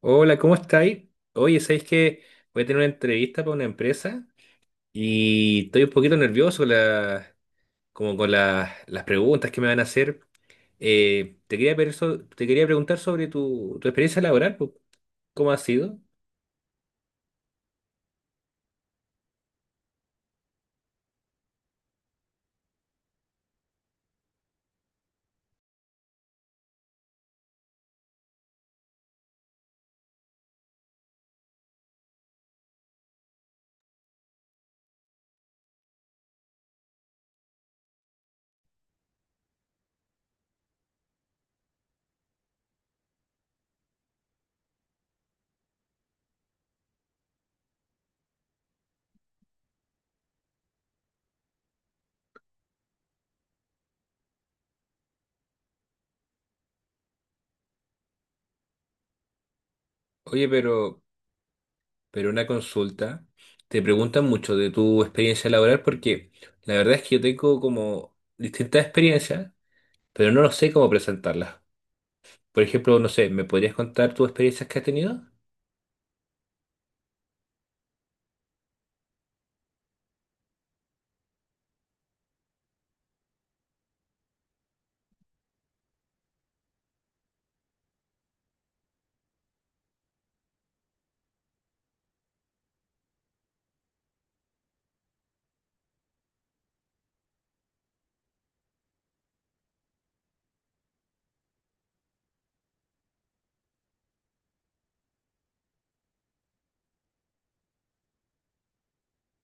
Hola, ¿cómo estáis? Oye, ¿sabéis que voy a tener una entrevista para una empresa y estoy un poquito nervioso con las preguntas que me van a hacer? Te quería preguntar sobre tu experiencia laboral, po. ¿Cómo ha sido? Oye, pero una consulta, te preguntan mucho de tu experiencia laboral porque la verdad es que yo tengo como distintas experiencias, pero no lo sé cómo presentarlas. Por ejemplo, no sé, ¿me podrías contar tus experiencias que has tenido?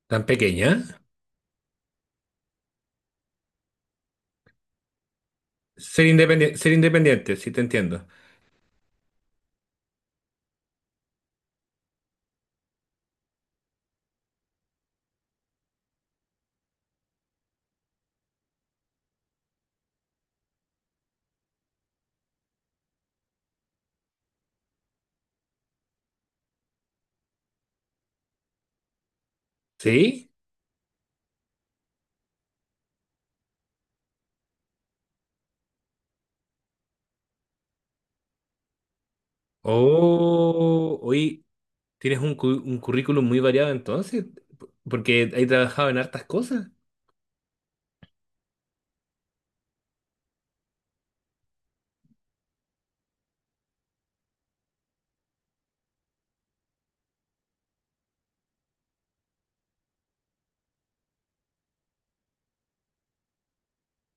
¿Tan pequeña? Ser independiente, sí, te entiendo. ¿Sí? Oh, hoy tienes un currículum muy variado entonces, porque he trabajado en hartas cosas.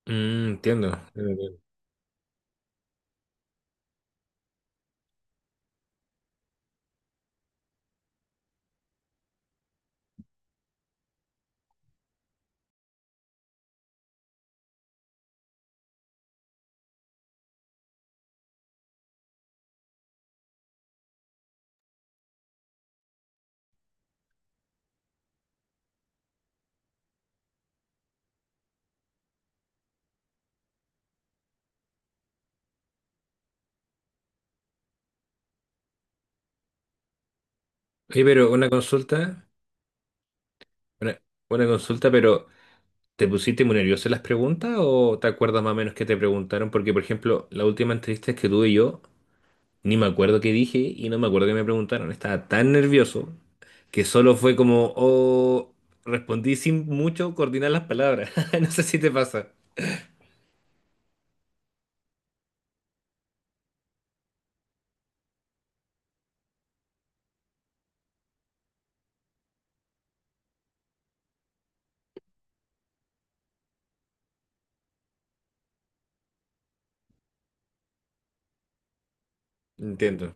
Mm, entiendo. Oye, pero una consulta, una, una consulta, pero ¿te pusiste muy nervioso en las preguntas o te acuerdas más o menos que te preguntaron? Porque, por ejemplo, la última entrevista que tuve yo, ni me acuerdo qué dije y no me acuerdo qué me preguntaron. Estaba tan nervioso que solo fue como, oh, respondí sin mucho coordinar las palabras. No sé si te pasa. Entiendo,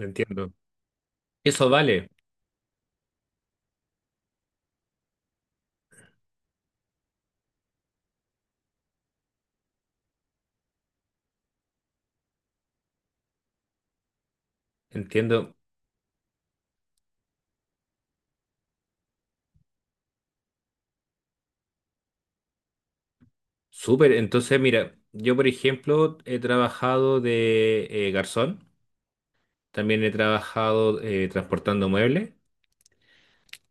entiendo. Eso vale, entiendo. Súper, entonces mira, yo por ejemplo he trabajado de garzón, también he trabajado transportando muebles,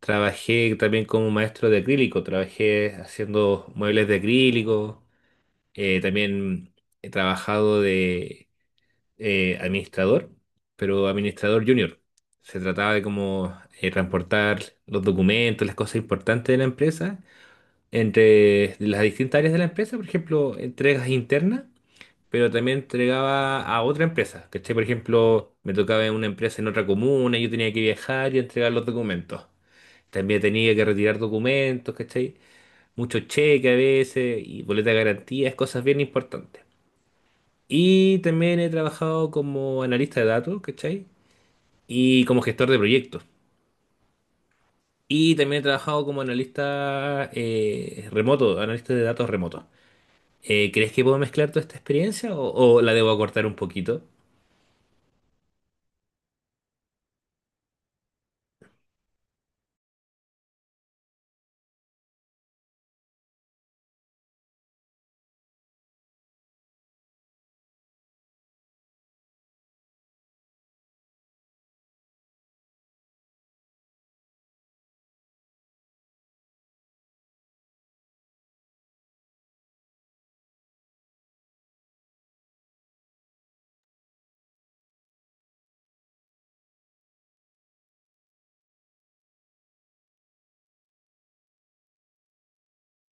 trabajé también como maestro de acrílico, trabajé haciendo muebles de acrílico, también he trabajado de administrador, pero administrador junior. Se trataba de como transportar los documentos, las cosas importantes de la empresa, entre las distintas áreas de la empresa, por ejemplo, entregas internas, pero también entregaba a otra empresa. ¿Cachai? Por ejemplo, me tocaba en una empresa en otra comuna, yo tenía que viajar y entregar los documentos. También tenía que retirar documentos, ¿cachai? Muchos cheques a veces y boletas de garantías, cosas bien importantes. Y también he trabajado como analista de datos, ¿cachai? Y como gestor de proyectos. Y también he trabajado como analista remoto, analista de datos remoto. ¿Crees que puedo mezclar toda esta experiencia o la debo acortar un poquito?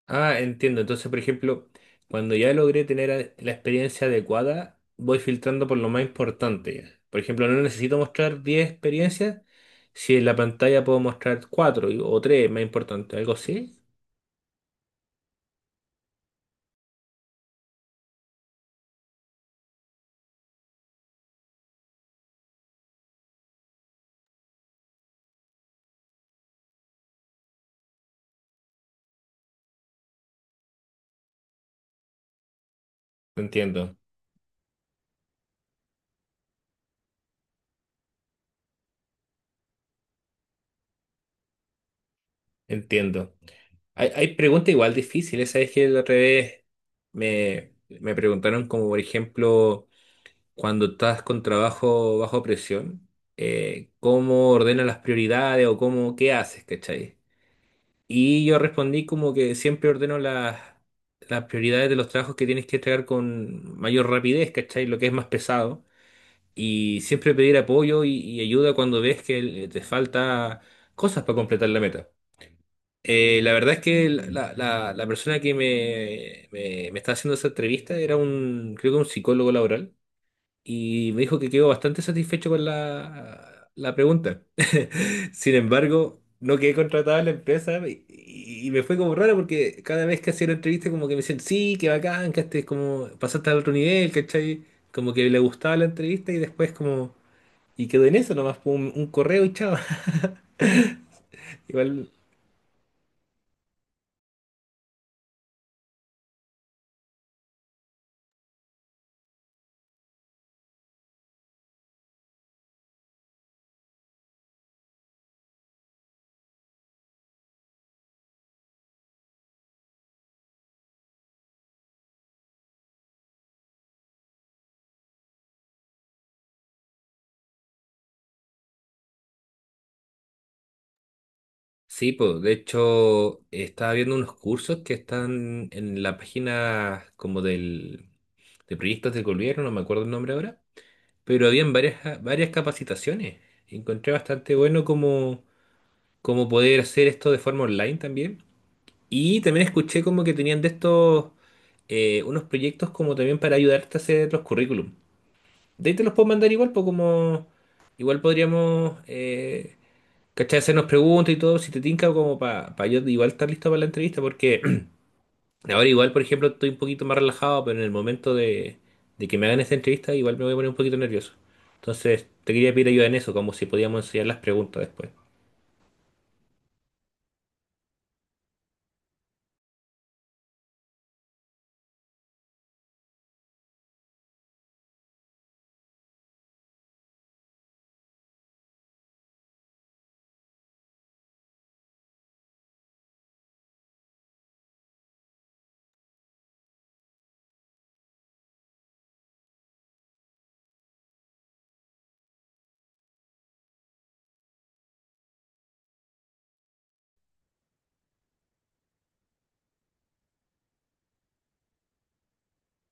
Ah, entiendo. Entonces, por ejemplo, cuando ya logré tener la experiencia adecuada, voy filtrando por lo más importante. Por ejemplo, no necesito mostrar 10 experiencias si en la pantalla puedo mostrar 4 o 3 más importantes, algo así. Entiendo, entiendo. Hay preguntas igual difíciles, ¿sabes? Que la otra vez me preguntaron como, por ejemplo, cuando estás con trabajo bajo presión, ¿cómo ordenas las prioridades o cómo, qué haces, ¿cachai? Y yo respondí como que siempre ordeno las prioridades de los trabajos que tienes que entregar con mayor rapidez, ¿cachai? Lo que es más pesado. Y siempre pedir apoyo y ayuda cuando ves que te falta cosas para completar la meta. La verdad es que la persona que me está haciendo esa entrevista era un, creo que un psicólogo laboral y me dijo que quedó bastante satisfecho con la pregunta. Sin embargo, no quedé contratado en la empresa y me fue como raro porque cada vez que hacía la entrevista como que me decían, sí, qué bacán, que este, como pasaste al otro nivel, ¿cachai? Como que le gustaba la entrevista y después como... Y quedó en eso nomás, un correo y chao. Igual. Sí, pues, de hecho, estaba viendo unos cursos que están en la página como de proyectos del gobierno, no me acuerdo el nombre ahora, pero habían varias capacitaciones. Encontré bastante bueno como, como poder hacer esto de forma online también. Y también escuché como que tenían de estos unos proyectos como también para ayudarte a hacer los currículum. De ahí te los puedo mandar igual, pues, como igual podríamos... ¿Cachai? Hacernos preguntas y todo, si te tinca como para yo igual estar listo para la entrevista, porque ahora igual, por ejemplo, estoy un poquito más relajado, pero en el momento de, que me hagan esta entrevista, igual me voy a poner un poquito nervioso. Entonces, te quería pedir ayuda en eso, como si podíamos enseñar las preguntas después.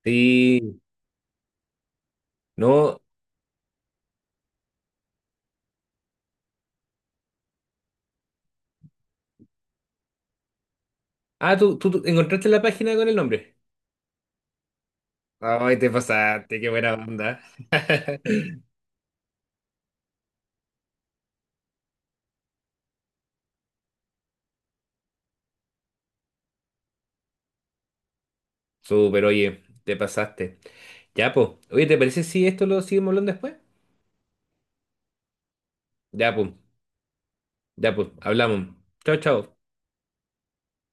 Sí, no. Ah, ¿tú encontraste la página con el nombre? Ay, te pasaste, qué buena onda. Súper, oye, te pasaste. Ya, pues. Oye, ¿te parece si esto lo seguimos hablando después? Ya, pues. Ya, pues. Hablamos. Chao, chao.